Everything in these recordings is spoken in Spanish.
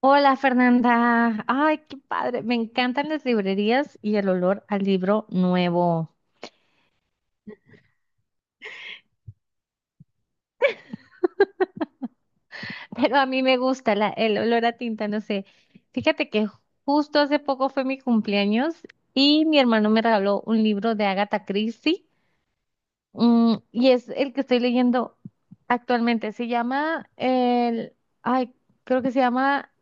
Hola Fernanda, ay, qué padre, me encantan las librerías y el olor al libro nuevo, pero a mí me gusta el olor a tinta, no sé. Fíjate que justo hace poco fue mi cumpleaños y mi hermano me regaló un libro de Agatha Christie, y es el que estoy leyendo actualmente, se llama, el, ay, creo que se llama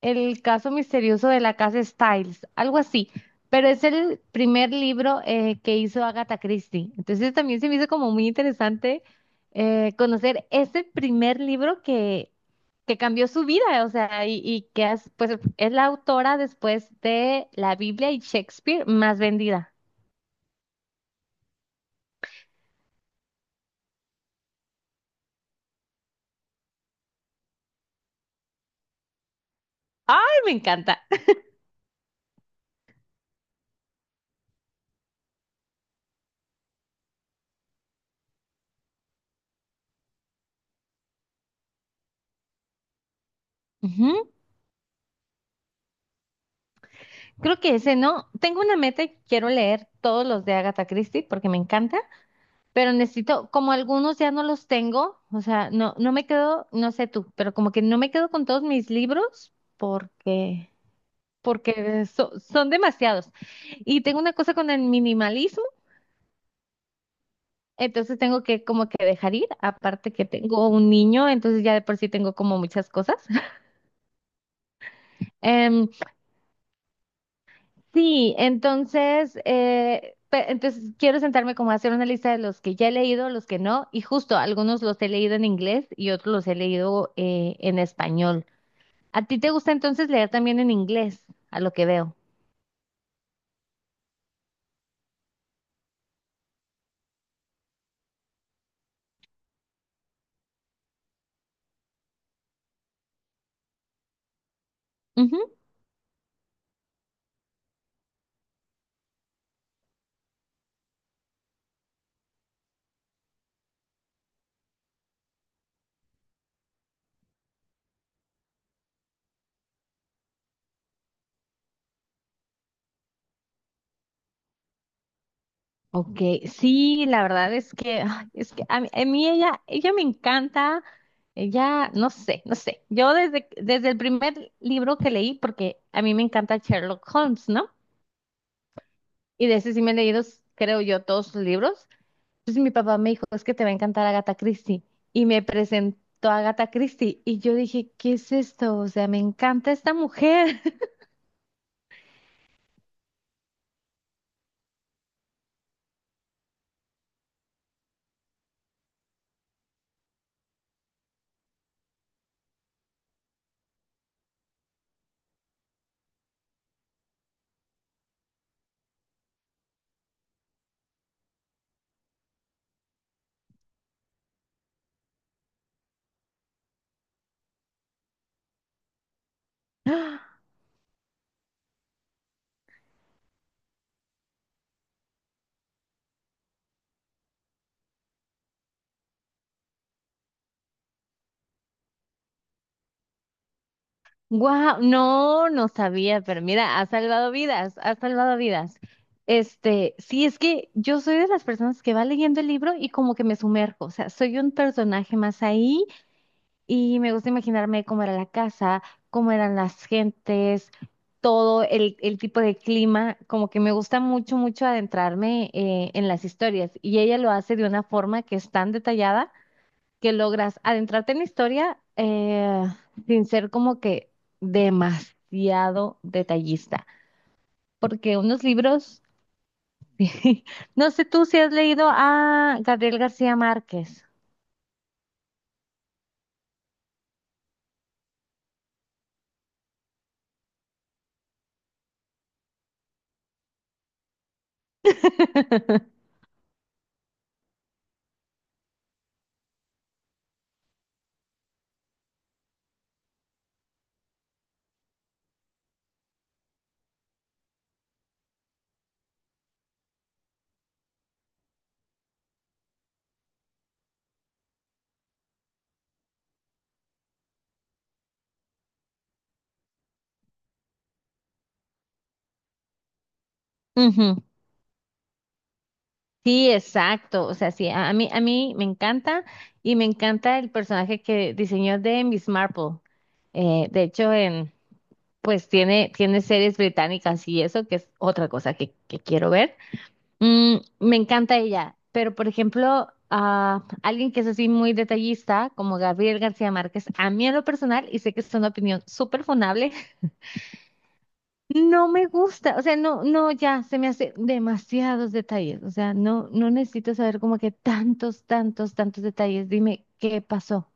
El caso misterioso de la casa Styles, algo así, pero es el primer libro que hizo Agatha Christie. Entonces también se me hizo como muy interesante conocer ese primer libro que cambió su vida, o sea, y que es, pues, es la autora después de la Biblia y Shakespeare más vendida. ¡Ay, me encanta! Ujú. Creo que ese no. Tengo una meta y quiero leer todos los de Agatha Christie porque me encanta. Pero necesito, como algunos ya no los tengo, o sea, no, no me quedo, no sé tú, pero como que no me quedo con todos mis libros porque, porque son demasiados. Y tengo una cosa con el minimalismo, entonces tengo que como que dejar ir, aparte que tengo un niño, entonces ya de por sí tengo como muchas cosas. Em, sí, entonces, entonces quiero sentarme como a hacer una lista de los que ya he leído, los que no, y justo algunos los he leído en inglés y otros los he leído en español. ¿A ti te gusta entonces leer también en inglés, a lo que veo? Ujú. Ok, sí, la verdad es que, ay, es que a mí ella me encanta, ella, no sé, no sé. Yo desde el primer libro que leí, porque a mí me encanta Sherlock Holmes, ¿no? Y de ese sí me he leído, creo yo, todos sus libros. Entonces mi papá me dijo, es que te va a encantar Agatha Christie. Y me presentó a Agatha Christie. Y yo dije, ¿qué es esto? O sea, me encanta esta mujer. Wow, no, no sabía, pero mira, ha salvado vidas, ha salvado vidas. Este, sí, es que yo soy de las personas que va leyendo el libro y como que me sumerjo, o sea, soy un personaje más ahí y me gusta imaginarme cómo era la casa, cómo eran las gentes, todo el tipo de clima, como que me gusta mucho, mucho adentrarme en las historias y ella lo hace de una forma que es tan detallada que logras adentrarte en la historia sin ser como que demasiado detallista. Porque unos libros, no sé tú si has leído a Gabriel García Márquez. Ujú. Sí, exacto. O sea, sí, a mí me encanta y me encanta el personaje que diseñó de Miss Marple. De hecho, en, pues tiene, tiene series británicas y eso, que es otra cosa que quiero ver. Mm, me encanta ella, pero por ejemplo, ah, alguien que es así muy detallista, como Gabriel García Márquez, a mí en lo personal, y sé que es una opinión súper funable, no me gusta, o sea, no, no, ya se me hace demasiados detalles, o sea, no, no necesito saber como que tantos, tantos, tantos detalles, dime qué pasó.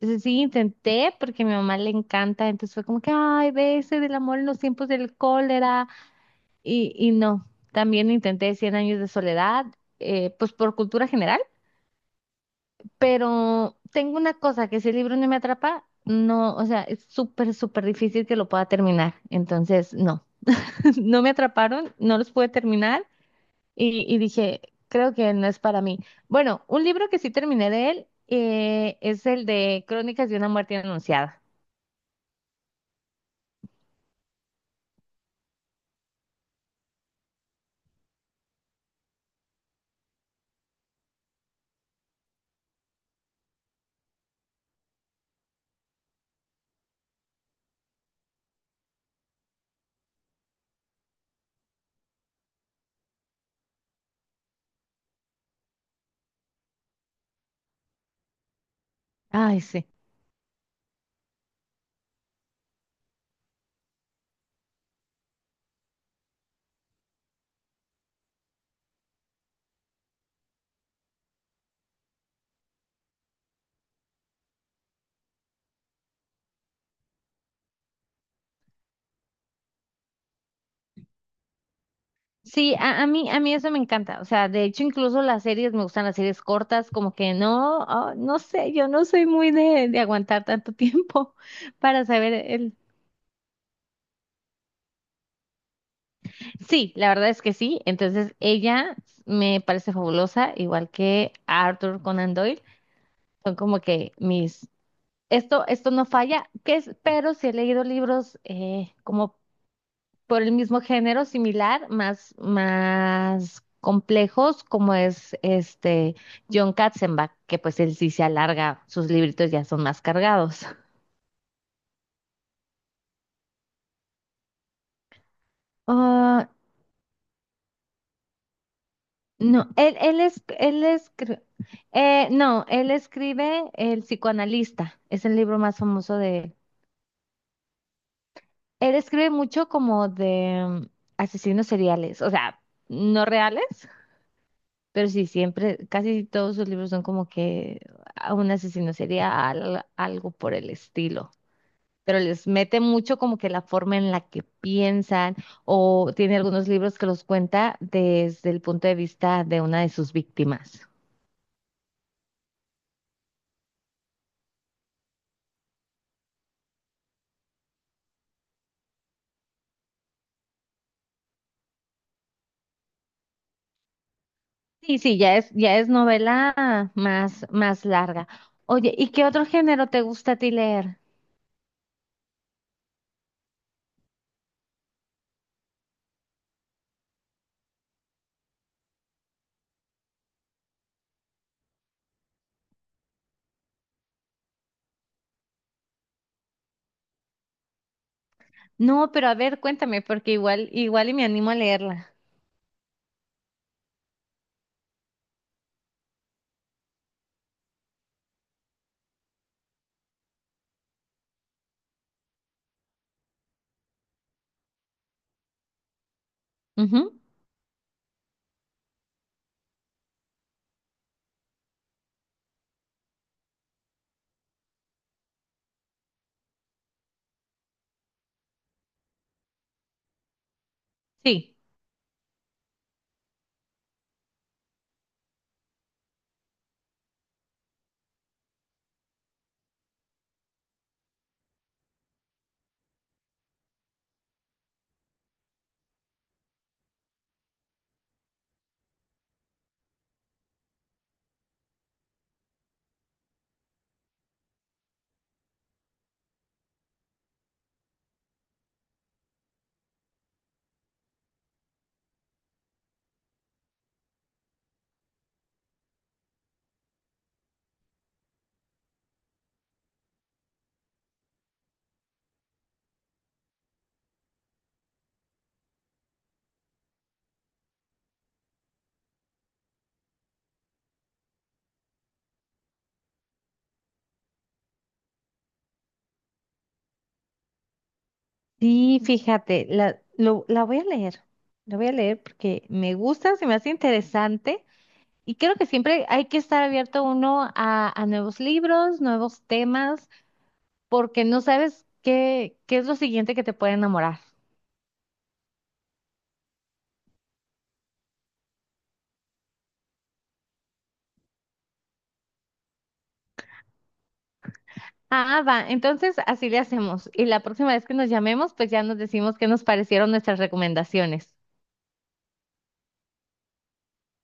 Entonces sí, intenté porque a mi mamá le encanta, entonces fue como que, ay, ves, el amor en los tiempos del cólera. Y no, también intenté cien años de soledad, pues por cultura general, pero tengo una cosa, que si el libro no me atrapa, no, o sea, es súper, súper difícil que lo pueda terminar. Entonces, no, no me atraparon, no los pude terminar y dije, creo que no es para mí. Bueno, un libro que sí terminé de él es el de Crónicas de una muerte anunciada. Ay, sí. Sí, a mí, eso me encanta. O sea, de hecho, incluso las series, me gustan las series cortas, como que no, ah, no sé, yo no soy muy de aguantar tanto tiempo para saber el... Sí, la verdad es que sí. Entonces, ella me parece fabulosa, igual que Arthur Conan Doyle. Son como que mis... Esto no falla, que es, pero sí he leído libros como por el mismo género similar, más complejos, como es este John Katzenbach, que pues él sí se alarga, sus libritos ya son más cargados. Ah, no, no, él escribe El psicoanalista, es el libro más famoso de él. Él escribe mucho como de asesinos seriales, o sea, no reales. Pero sí, siempre, casi todos sus libros son como que a un asesino serial, algo por el estilo. Pero les mete mucho como que la forma en la que piensan, o tiene algunos libros que los cuenta desde el punto de vista de una de sus víctimas. Sí, sí, ya es novela más, más larga. Oye, ¿y qué otro género te gusta a ti leer? No, pero a ver, cuéntame, porque igual, igual y me animo a leerla. Ujú. Sí. Sí, fíjate, la voy a leer, la voy a leer porque me gusta, se me hace interesante y creo que siempre hay que estar abierto uno a nuevos libros, nuevos temas, porque no sabes qué, qué es lo siguiente que te puede enamorar. Ah, va, entonces así le hacemos y la próxima vez que nos llamemos, pues ya nos decimos qué nos parecieron nuestras recomendaciones.